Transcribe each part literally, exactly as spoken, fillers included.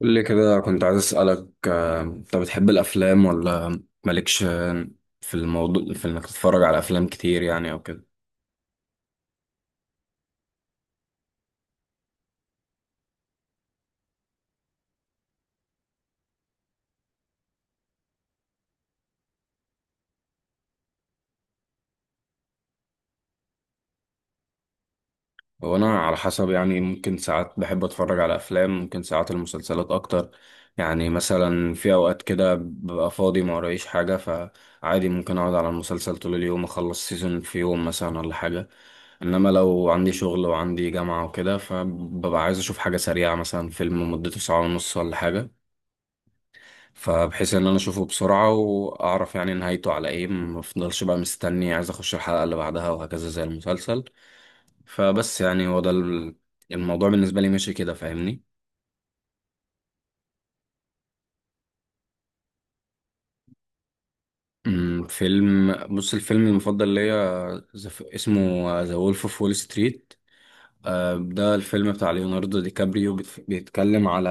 قول لي كده كنت عايز أسألك، آه، انت بتحب الافلام ولا مالكش في الموضوع في انك تتفرج على افلام كتير يعني او كده؟ هو انا على حسب يعني ممكن ساعات بحب اتفرج على افلام، ممكن ساعات المسلسلات اكتر. يعني مثلا في اوقات كده ببقى فاضي ما ورايش حاجة، فعادي ممكن اقعد على المسلسل طول اليوم، اخلص سيزون في يوم مثلا ولا حاجة. انما لو عندي شغل وعندي جامعة وكده، فببقى عايز اشوف حاجة سريعة، مثلا فيلم مدته ساعة ونص ولا حاجة. فبحيث ان انا اشوفه بسرعة واعرف يعني نهايته على ايه، ما افضلش بقى مستني عايز اخش الحلقة اللي بعدها وهكذا زي المسلسل. فبس يعني هو ده ال- الموضوع بالنسبة لي، ماشي كده؟ فاهمني. أمم، فيلم، بص الفيلم المفضل ليا ز- اسمه ذا وولف اوف وول ستريت. آه، ده الفيلم بتاع ليوناردو دي كابريو، بيت- بيتكلم على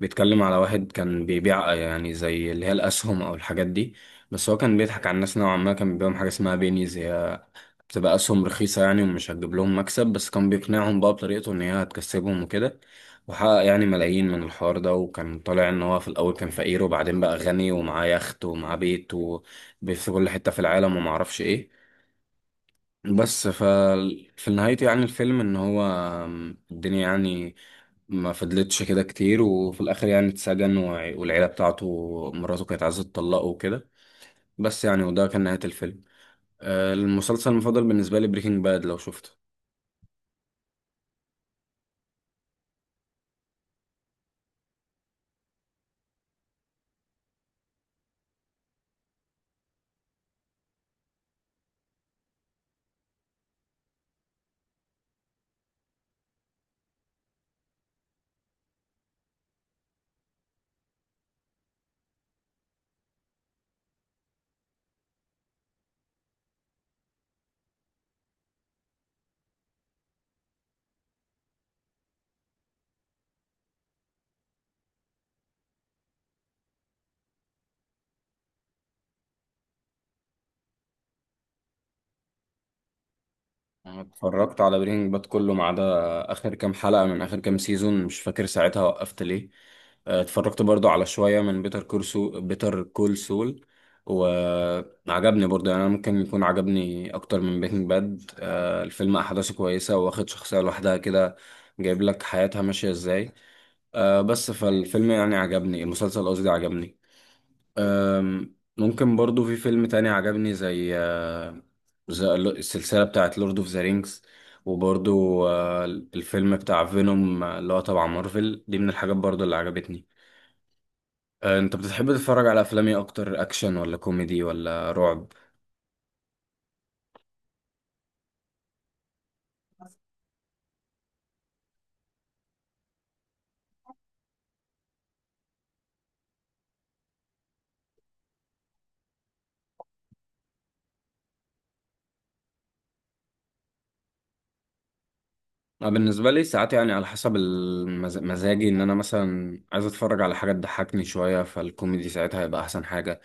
بيتكلم على واحد كان بيبيع يعني زي اللي هي الأسهم أو الحاجات دي، بس هو كان بيضحك على الناس نوعا ما. كان بيبيعهم حاجة اسمها بينيز، هي بتبقى أسهم رخيصة يعني، ومش هتجيب لهم مكسب، بس كان بيقنعهم بقى بطريقته إن هي هتكسبهم وكده. وحقق يعني ملايين من الحوار ده، وكان طالع إن هو في الأول كان فقير وبعدين بقى غني، ومعاه يخت ومعاه بيت، وبيت في كل حتة في العالم ومعرفش إيه. بس ف في نهايته يعني الفيلم، إن هو الدنيا يعني ما فضلتش كده كتير، وفي الآخر يعني اتسجن، وع- والعيلة بتاعته، مراته كانت عايزة تطلقه وكده. بس يعني وده كان نهاية الفيلم. آه، المسلسل المفضل بالنسبة لي بريكنج باد، لو شفته. أنا اتفرجت على برينج باد كله ما عدا آخر كام حلقة من آخر كام سيزون، مش فاكر ساعتها وقفت ليه. آه، اتفرجت برضو على شوية من بيتر كورسو بيتر كول سول، وعجبني برضو يعني. أنا ممكن يكون عجبني أكتر من برينج باد. آه، الفيلم أحداثه كويسة، واخد شخصية لوحدها كده، جايب لك حياتها ماشية إزاي. آه، بس فالفيلم يعني عجبني، المسلسل قصدي عجبني. أم، ممكن برضو في فيلم تاني عجبني، زي آه، زي ال- السلسلة بتاعت لورد اوف ذا رينجز. وبرضو آه، الفيلم بتاع فينوم اللي هو تبع مارفل، دي من الحاجات برضو اللي عجبتني. آه، انت بتحب تتفرج على افلام ايه اكتر؟ اكشن ولا كوميدي ولا رعب؟ أنا بالنسبة لي ساعات يعني على حسب المز- مزاجي. ان انا مثلا عايز اتفرج على حاجة تضحكني شوية، فالكوميدي ساعتها هيبقى احسن حاجة.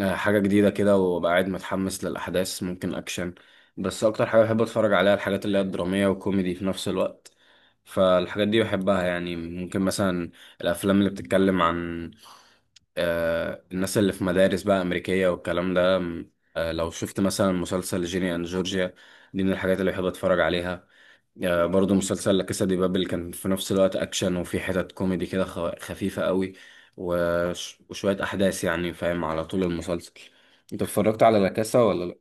آه، حاجة جديدة كده وأبقى قاعد متحمس للأحداث، ممكن أكشن. بس أكتر حاجة بحب أتفرج عليها الحاجات اللي هي الدرامية وكوميدي في نفس الوقت. فالحاجات دي بحبها يعني، ممكن مثلا الأفلام اللي بتتكلم عن آه، الناس اللي في مدارس بقى أمريكية والكلام ده. آه، لو شفت مثلا مسلسل جيني أند جورجيا، دي من الحاجات اللي بحب أتفرج عليها. آه، برضو مسلسل لا كاسا دي بابل، كان في نفس الوقت اكشن، وفي حتت كوميدي كده خ- خفيفه قوي، وش- وشويه احداث يعني فاهم على طول المسلسل. انت اتفرجت على لا كاسا ولا لا؟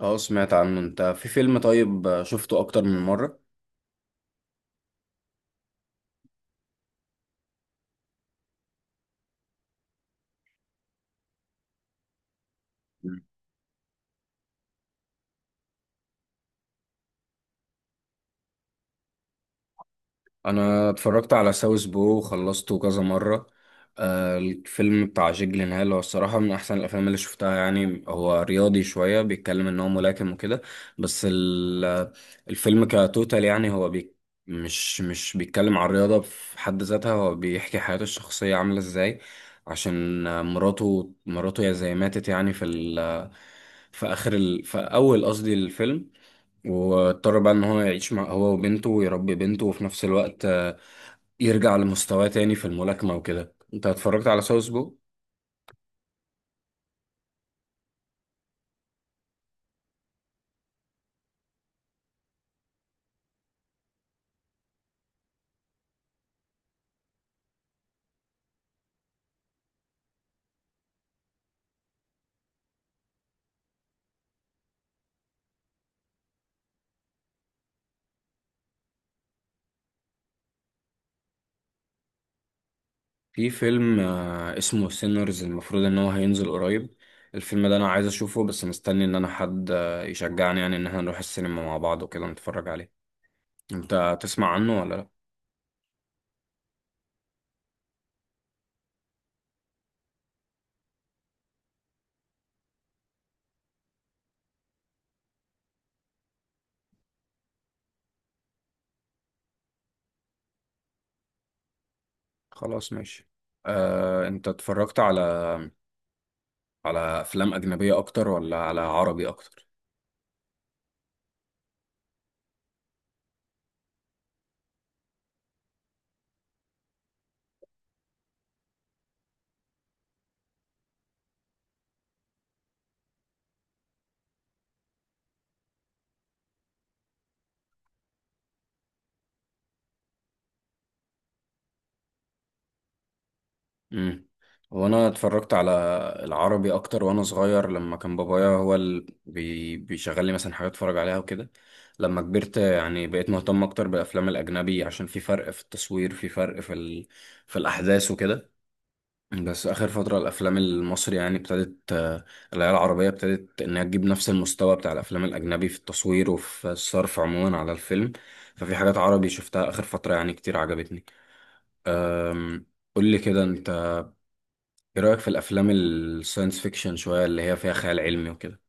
اه، سمعت عنه. انت في فيلم طيب آه، شفته اكتر من مره؟ انا اتفرجت على ساوث بو، وخلصته كذا مره. آه، الفيلم بتاع جيك جيلنهال هو الصراحه من احسن الافلام اللي شفتها يعني. هو رياضي شويه، بيتكلم ان هو ملاكم وكده، بس ال- الفيلم كتوتال يعني، هو بي مش مش بيتكلم عن الرياضه في حد ذاتها، هو بيحكي حياته الشخصيه عامله ازاي. عشان آه، مراته مراته يا زي ماتت يعني في ال في اخر ال في اول قصدي الفيلم. واضطر بقى ان هو يعيش مع هو وبنته، ويربي بنته، وفي نفس الوقت آه، يرجع لمستواه تاني في الملاكمة وكده. انت اتفرجت على ساوث بو؟ في فيلم آه، اسمه سينرز، المفروض ان هو هينزل قريب. الفيلم ده انا عايز اشوفه، بس مستني ان انا حد آه، يشجعني يعني ان احنا نروح السينما مع بعض وكده نتفرج عليه. انت تسمع عنه ولا لا؟ خلاص، ماشي. آه، انت اتفرجت على على افلام اجنبية اكتر ولا على عربي اكتر؟ امم وانا اتفرجت على العربي اكتر وانا صغير، لما كان بابايا هو اللي بي... بيشغل لي مثلا حاجات اتفرج عليها وكده. لما كبرت يعني بقيت مهتم اكتر بالافلام الاجنبي، عشان في فرق في التصوير، في فرق في ال... في الاحداث وكده. بس اخر فتره الافلام المصري يعني ابتدت، آه، العيال العربيه ابتدت انها تجيب نفس المستوى بتاع الافلام الاجنبي في التصوير وفي الصرف عموما على الفيلم. ففي حاجات عربي شفتها اخر فتره يعني كتير عجبتني. قول لي كده، انت ايه رأيك في الافلام الساينس فيكشن شوية اللي هي فيها خيال علمي وكده؟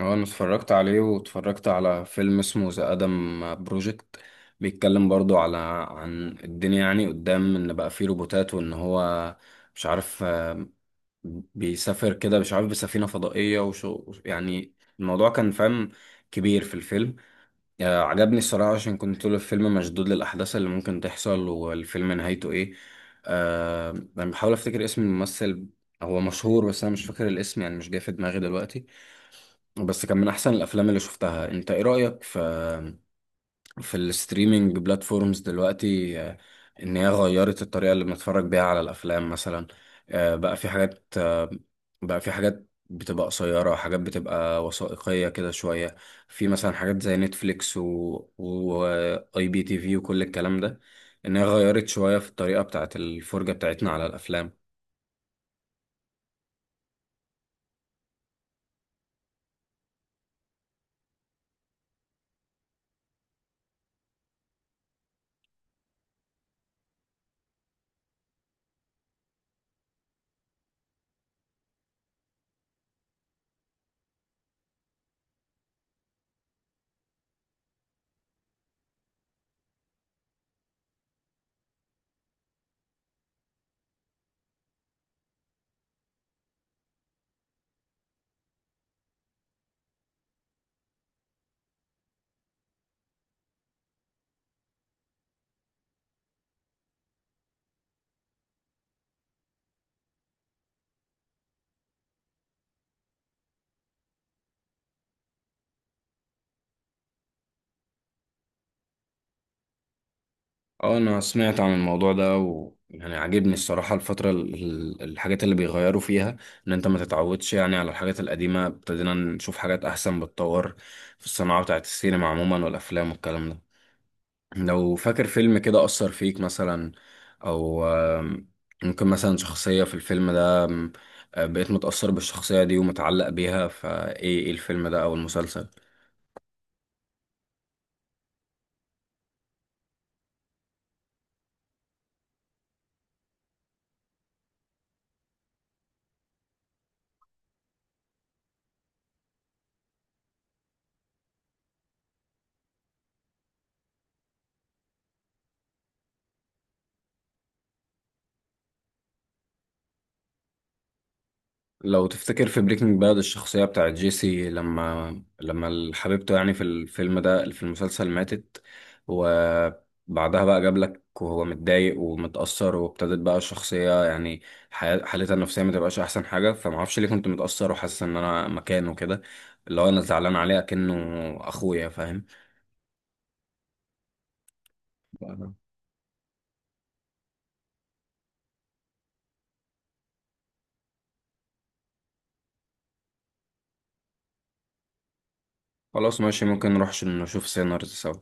هو انا اتفرجت عليه، واتفرجت على فيلم اسمه ذا ادم بروجكت. بيتكلم برضو على عن الدنيا يعني قدام، ان بقى فيه روبوتات وان هو مش عارف آه، بيسافر كده مش عارف بسفينة فضائية وشو يعني. الموضوع كان فاهم كبير في الفيلم. آه، عجبني الصراحة، عشان كنت طول الفيلم مشدود للأحداث اللي ممكن تحصل، والفيلم نهايته إيه. آه أنا بحاول أفتكر اسم الممثل، هو مشهور بس أنا مش فاكر الاسم يعني، مش جاي في دماغي دلوقتي. بس كان من أحسن الأفلام اللي شفتها. أنت إيه رأيك في في الستريمينج بلاتفورمز دلوقتي؟ آه، ان هي غيرت الطريقة اللي بنتفرج بيها على الافلام مثلا. آه، بقى في حاجات، آه، بقى في حاجات بتبقى قصيرة، حاجات بتبقى وثائقية كده شوية، في مثلا حاجات زي نتفليكس و واي بي تي في وكل الكلام ده. ان هي غيرت شوية في الطريقة بتاعت الفرجة بتاعتنا على الافلام. اه، انا سمعت عن الموضوع ده، ويعني عاجبني الصراحة الفترة ال- ال- الحاجات اللي بيغيروا فيها. ان انت ما تتعودش يعني على الحاجات القديمة، ابتدينا نشوف حاجات احسن، بتطور في الصناعة بتاعت السينما عموما والافلام والكلام ده. لو فاكر فيلم كده اثر فيك مثلا، او آم، ممكن مثلا شخصية في الفيلم ده، آم، آه، بقيت متأثر بالشخصية دي ومتعلق بيها، فايه ايه الفيلم ده او المسلسل؟ لو تفتكر في بريكنج باد، الشخصية بتاعت جيسي، لما لما حبيبته يعني في الفيلم ده في المسلسل ماتت، وبعدها بقى جاب لك وهو متضايق ومتأثر، وابتدت بقى الشخصية يعني حياة- حالتها النفسية ما تبقاش أحسن حاجة. فمعرفش ليه كنت متأثر وحاسس إن أنا مكانه كده، اللي هو أنا زعلان عليه أكنه أخويا، فاهم؟ خلاص ماشي، ممكن نروح نشوف سينارز سوا.